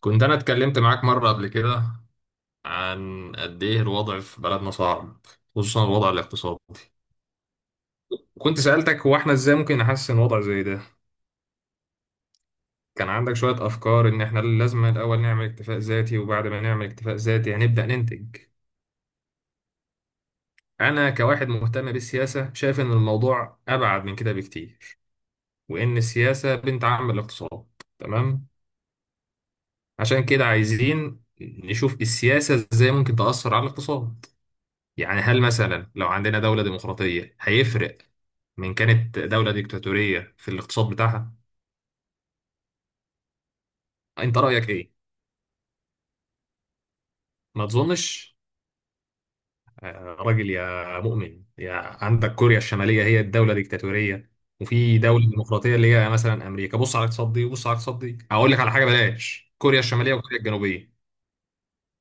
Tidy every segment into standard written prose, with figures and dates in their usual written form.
كنت أنا اتكلمت معاك مرة قبل كده عن قد إيه الوضع في بلدنا صعب، خصوصا الوضع الاقتصادي. وكنت سألتك هو إحنا إزاي ممكن نحسن وضع زي ده. كان عندك شوية أفكار إن إحنا لازم الأول نعمل اكتفاء ذاتي وبعد ما نعمل اكتفاء ذاتي هنبدأ ننتج. أنا كواحد مهتم بالسياسة شايف إن الموضوع أبعد من كده بكتير، وإن السياسة بنت عم الاقتصاد، تمام. عشان كده عايزين نشوف السياسة إزاي ممكن تأثر على الاقتصاد. يعني هل مثلا لو عندنا دولة ديمقراطية هيفرق من كانت دولة ديكتاتورية في الاقتصاد بتاعها؟ أنت رأيك إيه؟ ما تظنش. راجل يا مؤمن يا. عندك كوريا الشمالية هي الدولة ديكتاتورية، وفي دولة ديمقراطية اللي هي مثلا أمريكا. بص على الاقتصاد دي وبص على الاقتصاد دي، أقول لك على حاجة، بلاش كوريا الشمالية وكوريا الجنوبية.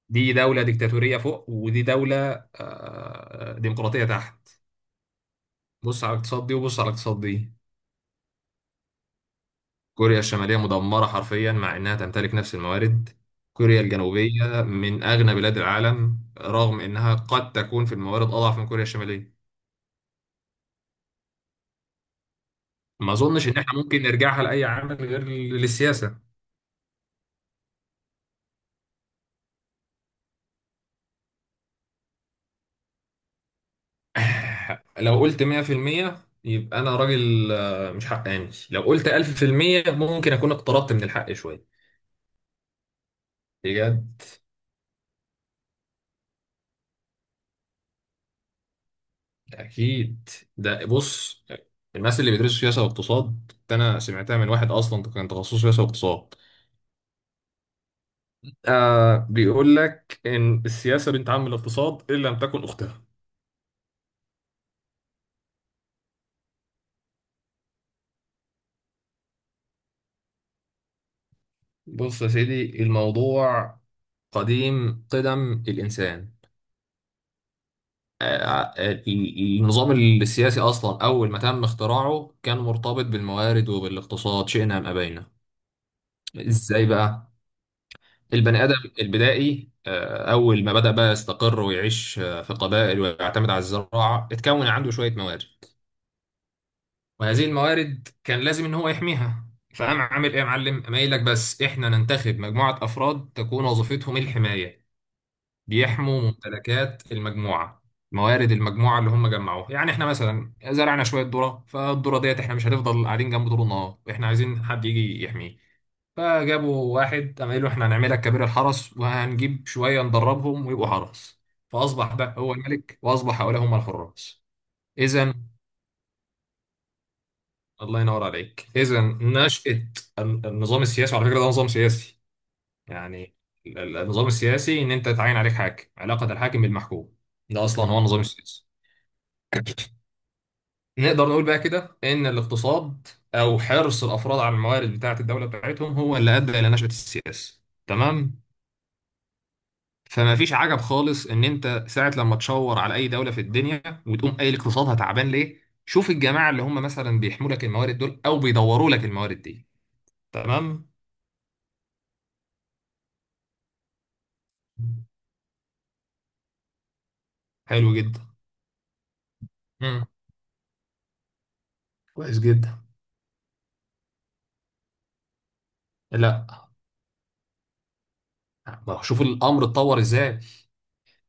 دي دولة ديكتاتورية فوق ودي دولة ديمقراطية تحت. بص على الاقتصاد دي وبص على الاقتصاد دي. كوريا الشمالية مدمرة حرفيا مع إنها تمتلك نفس الموارد. كوريا الجنوبية من أغنى بلاد العالم رغم إنها قد تكون في الموارد أضعف من كوريا الشمالية. ما أظنش إن إحنا ممكن نرجعها لأي عامل غير للسياسة. لو قلت 100% يبقى أنا راجل مش حقاني. لو قلت 1000% ممكن أكون اقتربت من الحق شوية، بجد. أكيد. ده بص، الناس اللي بيدرسوا سياسة واقتصاد، أنا سمعتها من واحد أصلا كان تخصصه سياسة واقتصاد، آه، بيقول لك إن السياسة بنت عم الاقتصاد إن لم تكن أختها. بص يا سيدي، الموضوع قديم قدم الإنسان. النظام السياسي أصلا أول ما تم اختراعه كان مرتبط بالموارد وبالاقتصاد، شئنا أم أبينا. إزاي بقى؟ البني آدم البدائي أول ما بدأ بقى يستقر ويعيش في قبائل ويعتمد على الزراعة اتكون عنده شوية موارد. وهذه الموارد كان لازم ان هو يحميها. فقام عامل ايه يا معلم؟ قام قايل لك بس احنا ننتخب مجموعه افراد تكون وظيفتهم الحمايه، بيحموا ممتلكات المجموعه، موارد المجموعه اللي هم جمعوها. يعني احنا مثلا زرعنا شويه ذره، فالذره ديت احنا مش هنفضل قاعدين جنب طول النهار، احنا عايزين حد يجي يحميه. فجابوا واحد، قام قايل له احنا هنعملك كبير الحرس وهنجيب شويه ندربهم ويبقوا حرس. فاصبح ده هو الملك، واصبح حوله هم الحراس. اذا، الله ينور عليك، اذا نشأة النظام السياسي. وعلى فكره ده نظام سياسي. يعني النظام السياسي ان انت تعين عليك حاكم، علاقه الحاكم بالمحكوم، ده اصلا هو النظام السياسي. نقدر نقول بقى كده ان الاقتصاد او حرص الافراد على الموارد بتاعه الدوله بتاعتهم هو اللي ادى الى نشأة السياسه، تمام. فما فيش عجب خالص ان انت ساعه لما تشاور على اي دوله في الدنيا وتقوم قايل اقتصادها تعبان ليه، شوف الجماعه اللي هم مثلا بيحموا لك الموارد دول او بيدوروا لك الموارد دي، تمام. حلو جدا. مم. كويس جدا. لا. ما هو شوف الامر اتطور ازاي.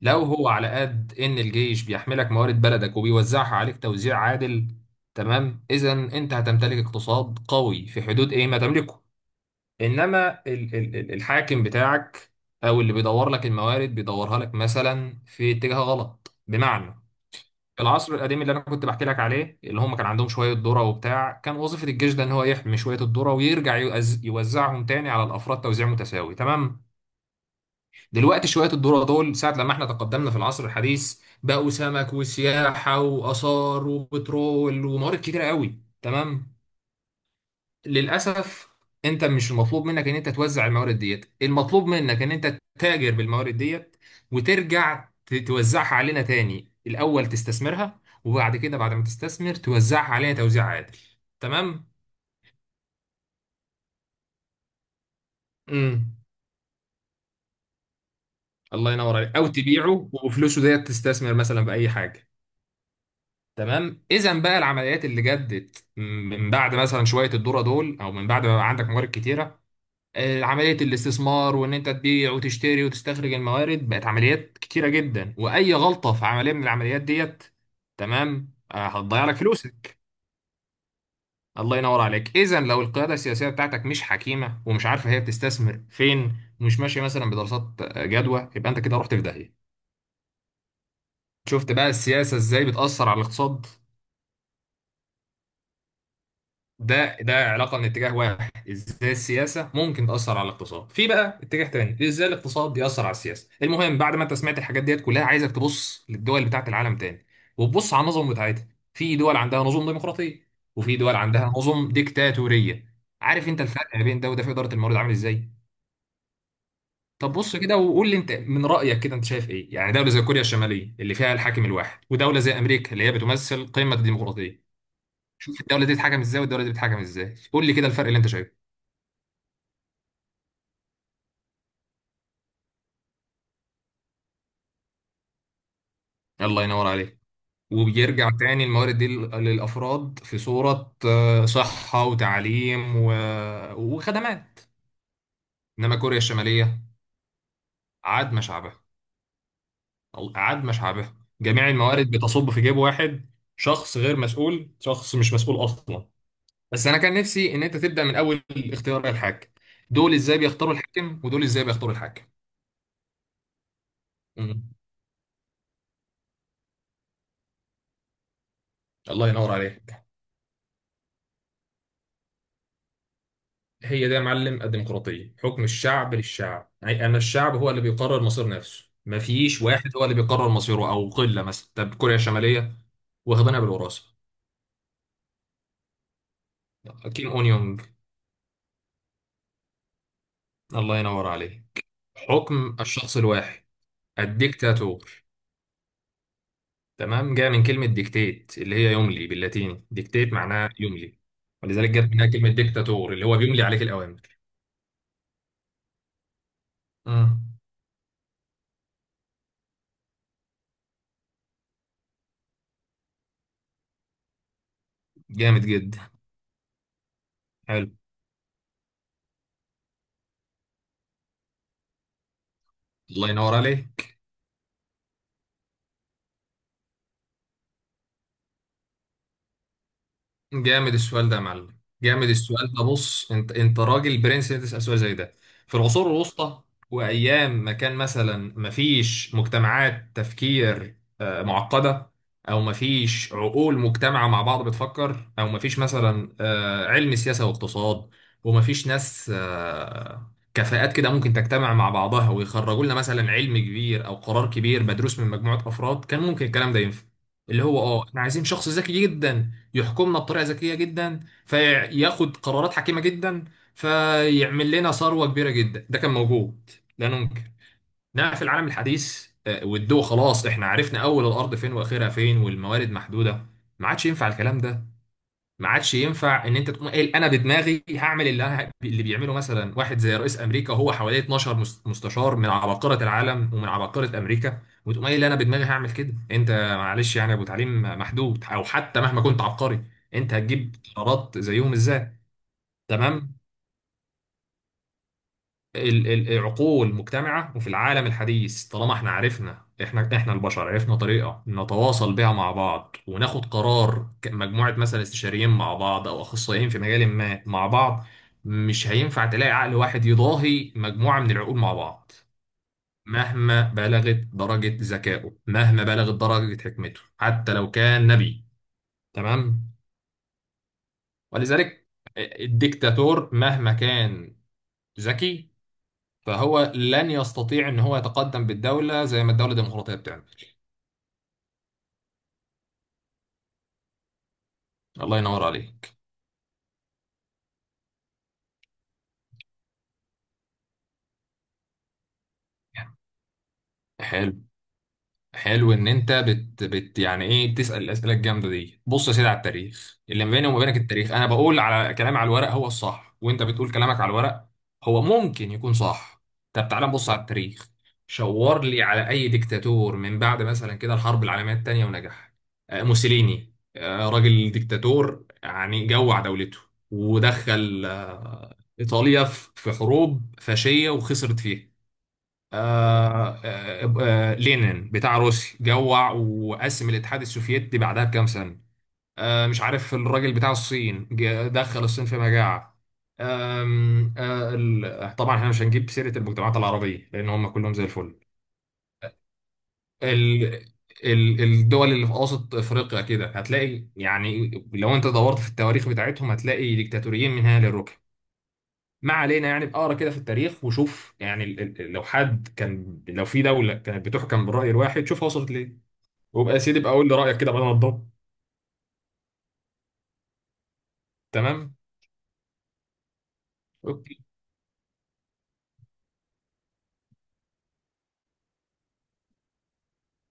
لو هو على قد ان الجيش بيحملك موارد بلدك وبيوزعها عليك توزيع عادل، تمام، اذا انت هتمتلك اقتصاد قوي في حدود ايه ما تملكه. انما الحاكم بتاعك او اللي بيدور لك الموارد بيدورها لك مثلا في اتجاه غلط. بمعنى العصر القديم اللي انا كنت بحكي لك عليه، اللي هم كان عندهم شويه ذره وبتاع، كان وظيفه الجيش ده ان هو يحمي شويه الذره ويرجع يوزعهم تاني على الافراد توزيع متساوي، تمام. دلوقتي شويه الذره دول ساعه لما احنا تقدمنا في العصر الحديث بقوا سمك وسياحه واثار وبترول وموارد كتيره قوي، تمام. للاسف انت مش المطلوب منك ان انت توزع الموارد ديت، المطلوب منك ان انت تتاجر بالموارد ديت وترجع توزعها علينا تاني. الاول تستثمرها، وبعد كده بعد ما تستثمر توزعها علينا توزيع عادل، تمام. امم الله ينور عليك. او تبيعه وفلوسه ديت تستثمر مثلا باي حاجه. تمام، اذا بقى العمليات اللي جدت من بعد مثلا شويه الذره دول، او من بعد ما بقى عندك موارد كتيره، عملية الاستثمار وإن أنت تبيع وتشتري وتستخرج الموارد بقت عمليات كتيرة جدا، وأي غلطة في عملية من العمليات ديت، تمام، هتضيع لك فلوسك. الله ينور عليك. إذا لو القيادة السياسية بتاعتك مش حكيمة ومش عارفة هي بتستثمر فين، ومش ماشية مثلا بدراسات جدوى، يبقى أنت كده رحت في داهية. شفت بقى السياسة إزاي بتأثر على الاقتصاد؟ ده علاقه من اتجاه واحد، ازاي السياسه ممكن تاثر على الاقتصاد. في بقى اتجاه تاني، ازاي الاقتصاد بيأثر على السياسه. المهم بعد ما انت سمعت الحاجات ديت كلها، عايزك تبص للدول بتاعه العالم تاني وتبص على النظم بتاعتها. في دول عندها نظم ديمقراطيه وفي دول عندها نظم ديكتاتوريه. عارف انت الفرق ما بين ده وده في اداره الموارد عامل ازاي؟ طب بص كده وقول لي انت من رايك كده انت شايف ايه. يعني دوله زي كوريا الشماليه اللي فيها الحاكم الواحد، ودوله زي امريكا اللي هي بتمثل قمه الديمقراطيه، شوف الدوله دي بتتحكم ازاي والدوله دي بتتحكم ازاي، قول لي كده الفرق اللي انت شايفه. الله ينور عليك. وبيرجع تاني الموارد دي للأفراد في صورة صحة وتعليم وخدمات. إنما كوريا الشمالية، عاد شعبها، عاد شعبها، جميع الموارد بتصب في جيب واحد. شخص غير مسؤول، شخص مش مسؤول أصلا. بس أنا كان نفسي إن أنت تبدأ من أول اختيار الحاكم. دول إزاي بيختاروا الحاكم ودول إزاي بيختاروا الحاكم؟ مم. الله ينور عليك. هي ده يا معلم الديمقراطية، حكم الشعب للشعب. يعني أنا الشعب هو اللي بيقرر مصير نفسه، مفيش واحد هو اللي بيقرر مصيره أو قلة مثلا. طب كوريا الشمالية، واخدينها بالوراثة. كيم أونيونج، الله ينور عليه. حكم الشخص الواحد، الديكتاتور، تمام. جاء من كلمة ديكتات اللي هي يملي، باللاتيني ديكتات معناها يملي. ولذلك جت منها كلمة ديكتاتور اللي هو بيملي عليك الأوامر. مم. جامد جدا. حلو. الله ينور عليك. جامد السؤال ده يا معلم، جامد السؤال ده. بص انت راجل برنس انت تسال سؤال زي ده. في العصور الوسطى، وايام ما كان مثلا ما فيش مجتمعات تفكير معقده، او ما فيش عقول مجتمعه مع بعض بتفكر، او ما فيش مثلا علم سياسه واقتصاد، وما فيش ناس كفاءات كده ممكن تجتمع مع بعضها ويخرجوا لنا مثلا علم كبير او قرار كبير مدروس من مجموعه افراد، كان ممكن الكلام ده ينفع. اللي هو احنا عايزين شخص ذكي جدا يحكمنا بطريقه ذكيه جدا، فياخد قرارات حكيمه جدا، فيعمل لنا ثروه كبيره جدا. ده كان موجود، لا ننكر. انما في العالم الحديث والدول، خلاص احنا عرفنا اول الارض فين واخرها فين والموارد محدوده، ما عادش ينفع الكلام ده. ما عادش ينفع ان انت تقوم قايل انا بدماغي هعمل اللي انا اللي بيعمله مثلا واحد زي رئيس امريكا. هو حواليه 12 مستشار من عباقره العالم ومن عباقره امريكا، وتقوم قايل انا بدماغي هعمل كده؟ انت معلش يعني يا ابو تعليم محدود، او حتى مهما كنت عبقري، انت هتجيب قرارات زيهم ازاي؟ تمام. العقول مجتمعة. وفي العالم الحديث طالما احنا عرفنا، احنا البشر عرفنا طريقة نتواصل بيها مع بعض وناخد قرار كمجموعة، مثلا استشاريين مع بعض او اخصائيين في مجال ما مع بعض، مش هينفع تلاقي عقل واحد يضاهي مجموعة من العقول مع بعض. مهما بلغت درجة ذكائه، مهما بلغت درجة حكمته، حتى لو كان نبي، تمام. ولذلك الديكتاتور مهما كان ذكي فهو لن يستطيع ان هو يتقدم بالدولة زي ما الدولة الديمقراطية بتعمل. الله ينور عليك. حلو. حلو ان انت بت, بت يعني ايه بتسال الاسئله الجامده دي. بص يا سيدي على التاريخ، اللي ما بيني وما بينك التاريخ. انا بقول على كلامي على الورق هو الصح، وانت بتقول كلامك على الورق هو ممكن يكون صح. طب تعالى نبص على التاريخ. شاور لي على اي ديكتاتور من بعد مثلا كده الحرب العالميه الثانيه ونجح. موسوليني، راجل ديكتاتور، يعني جوع دولته، ودخل ايطاليا في في حروب فاشيه وخسرت فيها. لينين بتاع روسيا جوع وقسم الاتحاد السوفيتي بعدها بكام سنة. مش عارف الراجل بتاع الصين دخل الصين في مجاعة. طبعا احنا مش هنجيب سيرة المجتمعات العربية لأن هم كلهم زي الفل. ال ال الدول اللي في أوسط أفريقيا كده هتلاقي يعني، لو أنت دورت في التواريخ بتاعتهم هتلاقي ديكتاتوريين من هنا للركب. ما علينا، يعني بقرا كده في التاريخ وشوف يعني لو حد كان، لو في دوله كانت بتحكم بالراي الواحد شوف وصلت ليه. وبقى يا سيدي بقى قول لي رايك كده بدل ما تضب. تمام. اوكي.